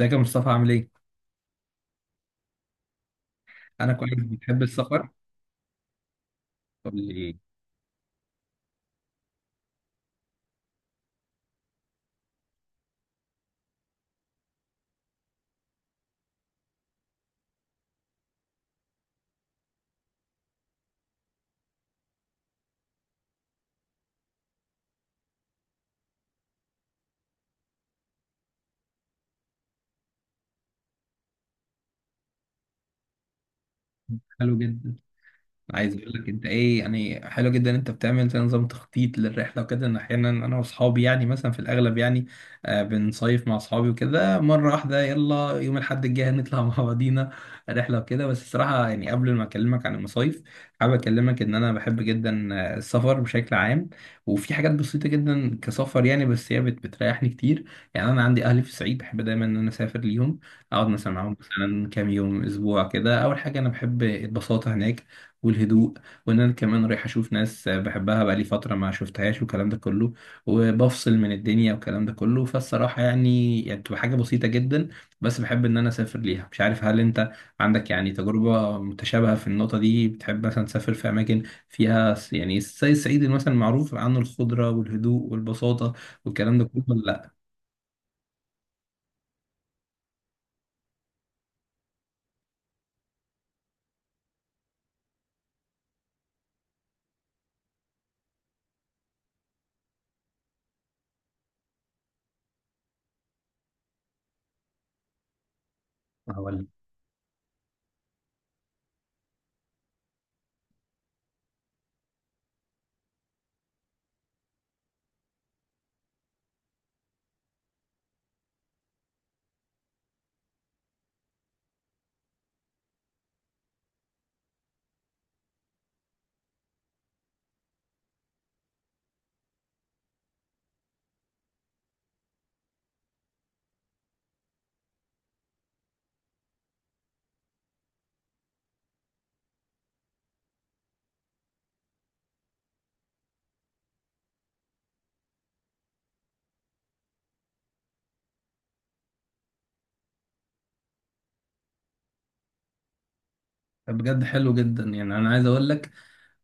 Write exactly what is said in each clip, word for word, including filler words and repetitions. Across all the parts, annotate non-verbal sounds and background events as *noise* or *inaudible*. ازيك يا مصطفى؟ عامل ايه؟ انا كويس. بتحب السفر؟ قول لي. حلو جدا. عايز اقول لك انت ايه، يعني حلو جدا إن انت بتعمل زي نظام تخطيط للرحله وكده، ان احيانا انا واصحابي يعني مثلا في الاغلب، يعني آه بنصيف مع اصحابي وكده، مره واحده يلا يوم الاحد الجاي نطلع *laughs* مع بعضينا رحله وكده. بس الصراحه يعني قبل ما اكلمك عن المصايف، حابب اكلمك ان انا بحب جدا آه، السفر بشكل عام. وفي حاجات بسيطه جدا كسفر يعني، بس هي بت- بتريحني كتير. يعني انا عندي اهلي في الصعيد، بحب دايما ان انا اسافر ليهم، اقعد مثلا معاهم مثلا كام يوم اسبوع كده. اول حاجه انا بحب البساطه هناك والهدوء، وان انا كمان رايح اشوف ناس بحبها بقالي فتره ما شفتهاش والكلام ده كله، وبفصل من الدنيا والكلام ده كله. فالصراحه يعني يعني بتبقى حاجه بسيطه جدا، بس بحب ان انا اسافر ليها. مش عارف هل انت عندك يعني تجربه متشابهه في النقطه دي؟ بتحب مثلا تسافر في اماكن فيها س- يعني زي الصعيد مثلا، معروف عنه الخضره والهدوء والبساطه والكلام ده كله، ولا لا ولا؟ بجد حلو جدا، يعني انا عايز اقول لك،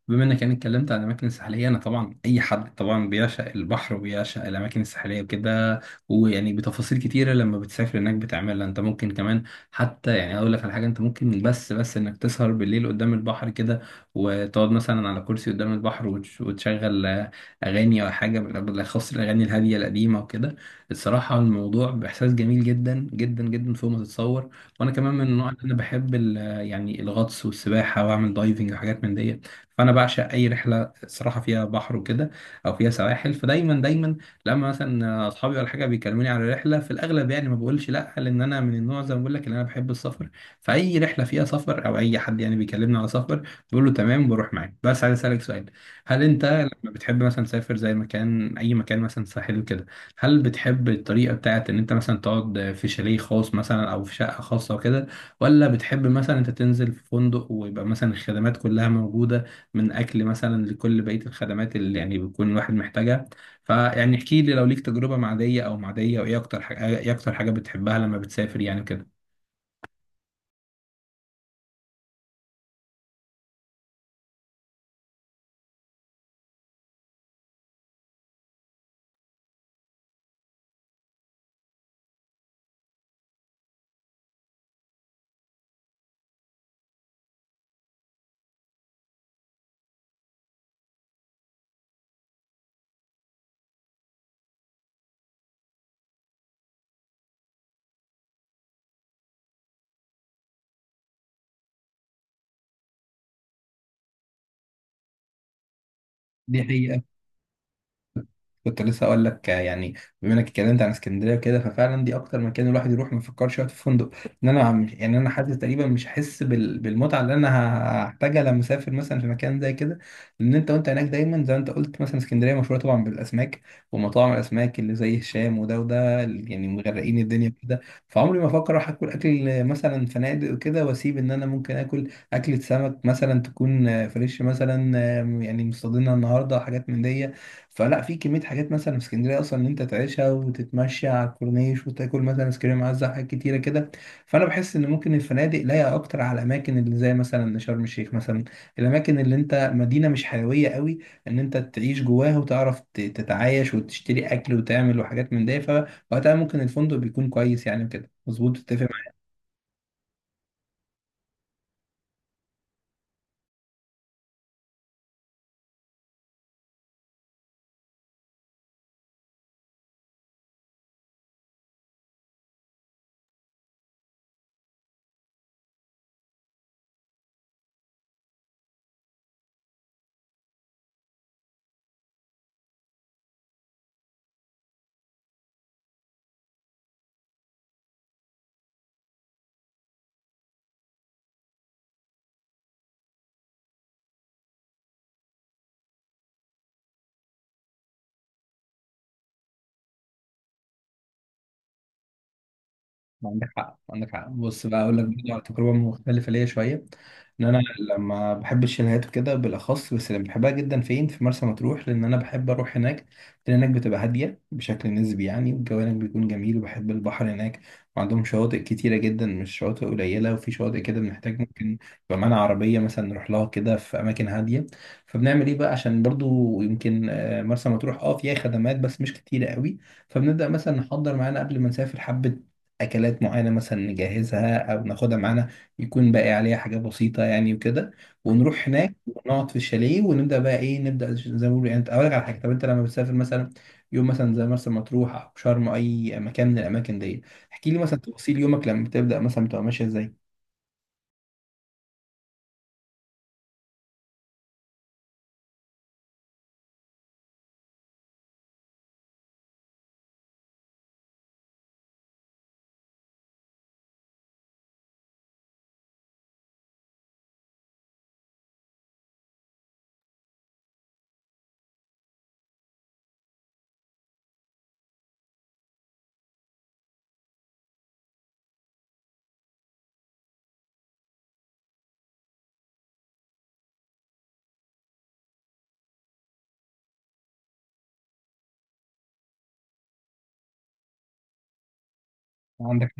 بما انك يعني اتكلمت عن الاماكن الساحليه، انا طبعا اي حد طبعا بيعشق البحر وبيعشق الاماكن الساحليه وكده، ويعني بتفاصيل كتيره لما بتسافر هناك بتعملها انت ممكن كمان، حتى يعني اقول لك على حاجه، انت ممكن بس بس انك تسهر بالليل قدام البحر كده، وتقعد مثلا على كرسي قدام البحر، وتش- وتشغل آه، اغاني او حاجه بال- بالاخص الاغاني الهاديه القديمه وكده. الصراحه الموضوع باحساس جميل جدا جدا جدا فوق ما تتصور. وانا كمان من النوع اللي انا بحب ال- يعني الغطس والسباحه، واعمل دايفنج وحاجات من دي. فانا بعشق اي رحله صراحه فيها بحر وكده، او فيها سواحل. فدايما دايما لما مثلا اصحابي ولا حاجه بيكلموني على رحله، في الاغلب يعني ما بقولش لا، لان انا من النوع زي ما بقول لك ان انا بحب السفر. فاي رحله فيها سفر او اي حد يعني بيكلمني على سفر، بقول له تمام بروح معاه. بس عايز اسالك سؤال: هل انت لما بتحب مثلا تسافر زي مكان اي مكان مثلا ساحل وكده، هل بتحب الطريقه بتاعت ان انت مثلا تقعد في شاليه خاص مثلا او في شقه خاصه وكده، ولا بتحب مثلا انت تنزل في فندق ويبقى مثلا الخدمات كلها موجوده، من اكل مثلا لكل بقيه الخدمات اللي يعني بيكون الواحد محتاجها؟ فيعني احكي لي لو ليك تجربه معديه او معديه، وايه اكتر حاجه، ايه اكتر حاجه بتحبها لما بتسافر يعني كده؟ دي حقيقة. كنت لسه اقول لك آه، يعني، بما انك اتكلمت عن اسكندريه وكده، ففعلا دي اكتر مكان الواحد يروح ما يفكرش يقعد في فندق. ان انا عم يعني انا حاسس تقريبا مش هحس بال- بالمتعه اللي انا ه- هحتاجها لما اسافر مثلا في مكان زي كده، لان انت وانت هناك دايما زي ما انت قلت مثلا اسكندريه مشهوره طبعا بالاسماك، ومطاعم الاسماك اللي زي هشام وده وده اللي يعني مغرقين الدنيا كده. فعمري ما افكر اروح اكل اكل مثلا فنادق وكده، واسيب ان انا ممكن اكل اكله سمك مثلا تكون آه، فريش مثلا، آه، يعني مصطادينها النهارده، حاجات من دي. فلا، في كمية حاجات مثلا في اسكندرية أصلا إن أنت تعيشها، وتتمشى على الكورنيش، وتاكل مثلا آيس كريم عزة، حاجات كتيرة كده. فأنا بحس إن ممكن الفنادق لايقة أكتر على الأماكن اللي زي مثلا شرم الشيخ مثلا، الأماكن اللي أنت مدينة مش حيوية قوي، إن أنت تعيش جواها وتعرف ت- تتعايش وتشتري أكل وتعمل وحاجات من ده، فوقتها ممكن الفندق بيكون كويس يعني وكده، مظبوط تتفق. ما عندك حق، عندك حق بص بقى اقول لك برضه على تجربه مختلفه ليا شويه. ان انا لما بحب الشاليهات وكده بالاخص، بس اللي بحبها جدا فين؟ في مرسى مطروح، لان انا بحب اروح هناك، لان هناك بتبقى هاديه بشكل نسبي يعني، والجو هناك بيكون جميل، وبحب البحر هناك، وعندهم شواطئ كتيره جدا مش شواطئ قليله، وفي شواطئ كده بنحتاج ممكن يبقى معانا عربيه مثلا نروح لها كده في اماكن هاديه. فبنعمل ايه بقى؟ عشان برضو يمكن آه، مرسى مطروح اه فيها خدمات بس مش كتيره قوي، فبنبدأ مثلا نحضر معانا قبل ما نسافر حبة اكلات معينه مثلا، نجهزها او ناخدها معانا، يكون باقي عليها حاجات بسيطه يعني وكده. ونروح هناك ونقعد في الشاليه، ونبدا بقى ايه، نبدا زي ما بيقولوا يعني. اقول لك على حاجه، طب انت لما بتسافر مثلا يوم مثلا زي مرسى مطروح او شرم أو اي مكان من الاماكن دي، احكي لي مثلا تفاصيل يومك لما بتبدا، مثلا بتبقى ماشيه ازاي؟ عندك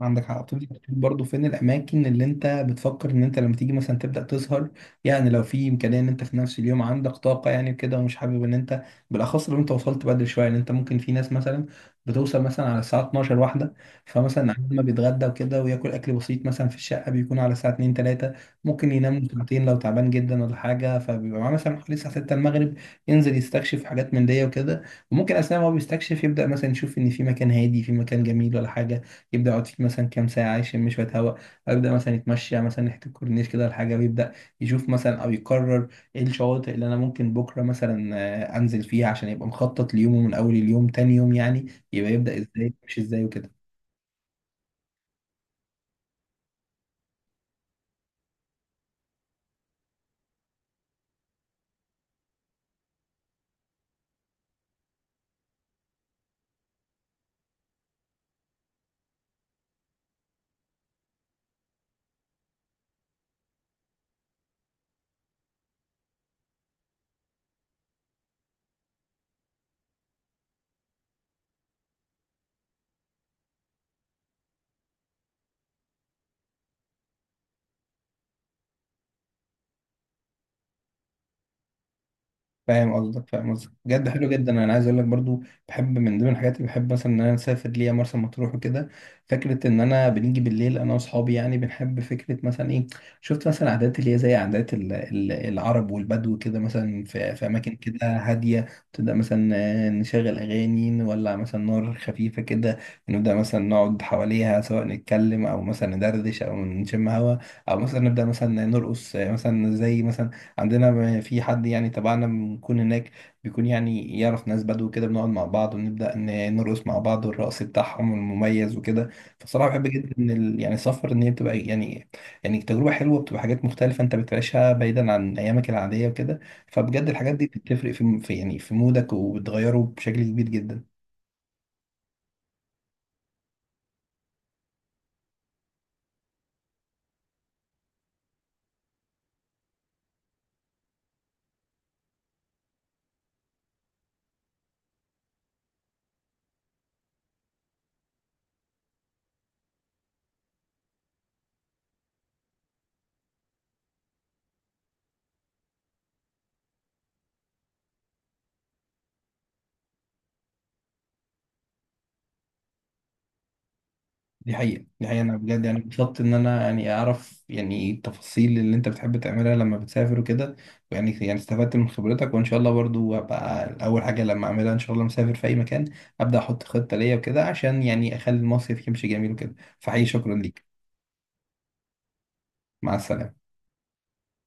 عندك حق، بتبدأ تشوف برضه فين الأماكن اللي أنت بتفكر إن أنت لما تيجي مثلا تبدأ تسهر، يعني لو في إمكانية إن أنت في نفس اليوم عندك طاقة يعني كده، ومش حابب إن أنت بالأخص لو أنت وصلت بدري شوية، إن أنت ممكن في ناس مثلا بتوصل مثلا على الساعة اثنا عشر واحدة، فمثلا عندما ما بيتغدى وكده وياكل أكل بسيط مثلا في الشقة بيكون على الساعة اتنين تلاتة، ممكن ينام له ساعتين لو تعبان جدا ولا حاجة، فبيبقى معاه مثلا حوالي الساعة ستة المغرب، ينزل يستكشف حاجات من دي وكده. وممكن أثناء ما هو بيستكشف يبدأ مثلا يشوف إن في مكان هادي في مكان جميل ولا حاجة، يبدا يعطيك مثلا كام ساعه يشم شويه هواء، ويبدا مثلا يتمشى مثلا ناحيه الكورنيش كده ولا حاجه، ويبدا يشوف مثلا او يقرر ايه الشواطئ اللي انا ممكن بكره مثلا آه، انزل فيها، عشان يبقى مخطط ليومه من اول اليوم تاني يوم يعني، يبقى يبدا ازاي، يمشي ازاي وكده. فاهم قصدك فاهم قصدك بجد حلو جدا، انا عايز اقول لك برضو، بحب من ضمن الحاجات اللي بحب مثلا ان انا اسافر ليا مرسى مطروح وكده، فكره ان انا بنيجي بالليل انا واصحابي، يعني بنحب فكره مثلا ايه، شفت مثلا عادات اللي هي زي عادات ال- ال- العرب والبدو كده، مثلا في في اماكن كده هاديه، تبدا مثلا آه، نشغل اغاني، نولع مثلا نار خفيفه كده، نبدا مثلا نقعد حواليها سواء نتكلم او مثلا ندردش او نشم هوا، او مثلا نبدا مثلا نرقص آه، مثلا زي مثلا عندنا م- في حد يعني تبعنا بنكون هناك بيكون يعني يعرف ناس بدو كده، بنقعد مع بعض ونبدأ ن- نرقص مع بعض، والرقص بتاعهم المميز وكده. فصراحة بحب جدا ان ال- يعني السفر، ان هي بتبقى يعني، يعني تجربة حلوة، بتبقى حاجات مختلفة انت بتعيشها بعيدا عن ايامك العادية وكده. فبجد الحاجات دي بتفرق في في يعني في مودك، وبتغيره بشكل كبير جدا. دي حقيقة دي حقيقة أنا بجد يعني اتبسطت إن أنا يعني أعرف يعني التفاصيل اللي أنت بتحب تعملها لما بتسافر وكده، يعني يعني استفدت من خبرتك. وإن شاء الله برضو هبقى أول حاجة لما أعملها إن شاء الله مسافر في أي مكان، أبدأ أحط خطة ليا وكده، عشان يعني أخلي المصيف يمشي جميل وكده. فحقيقي شكرا ليك. مع السلامة.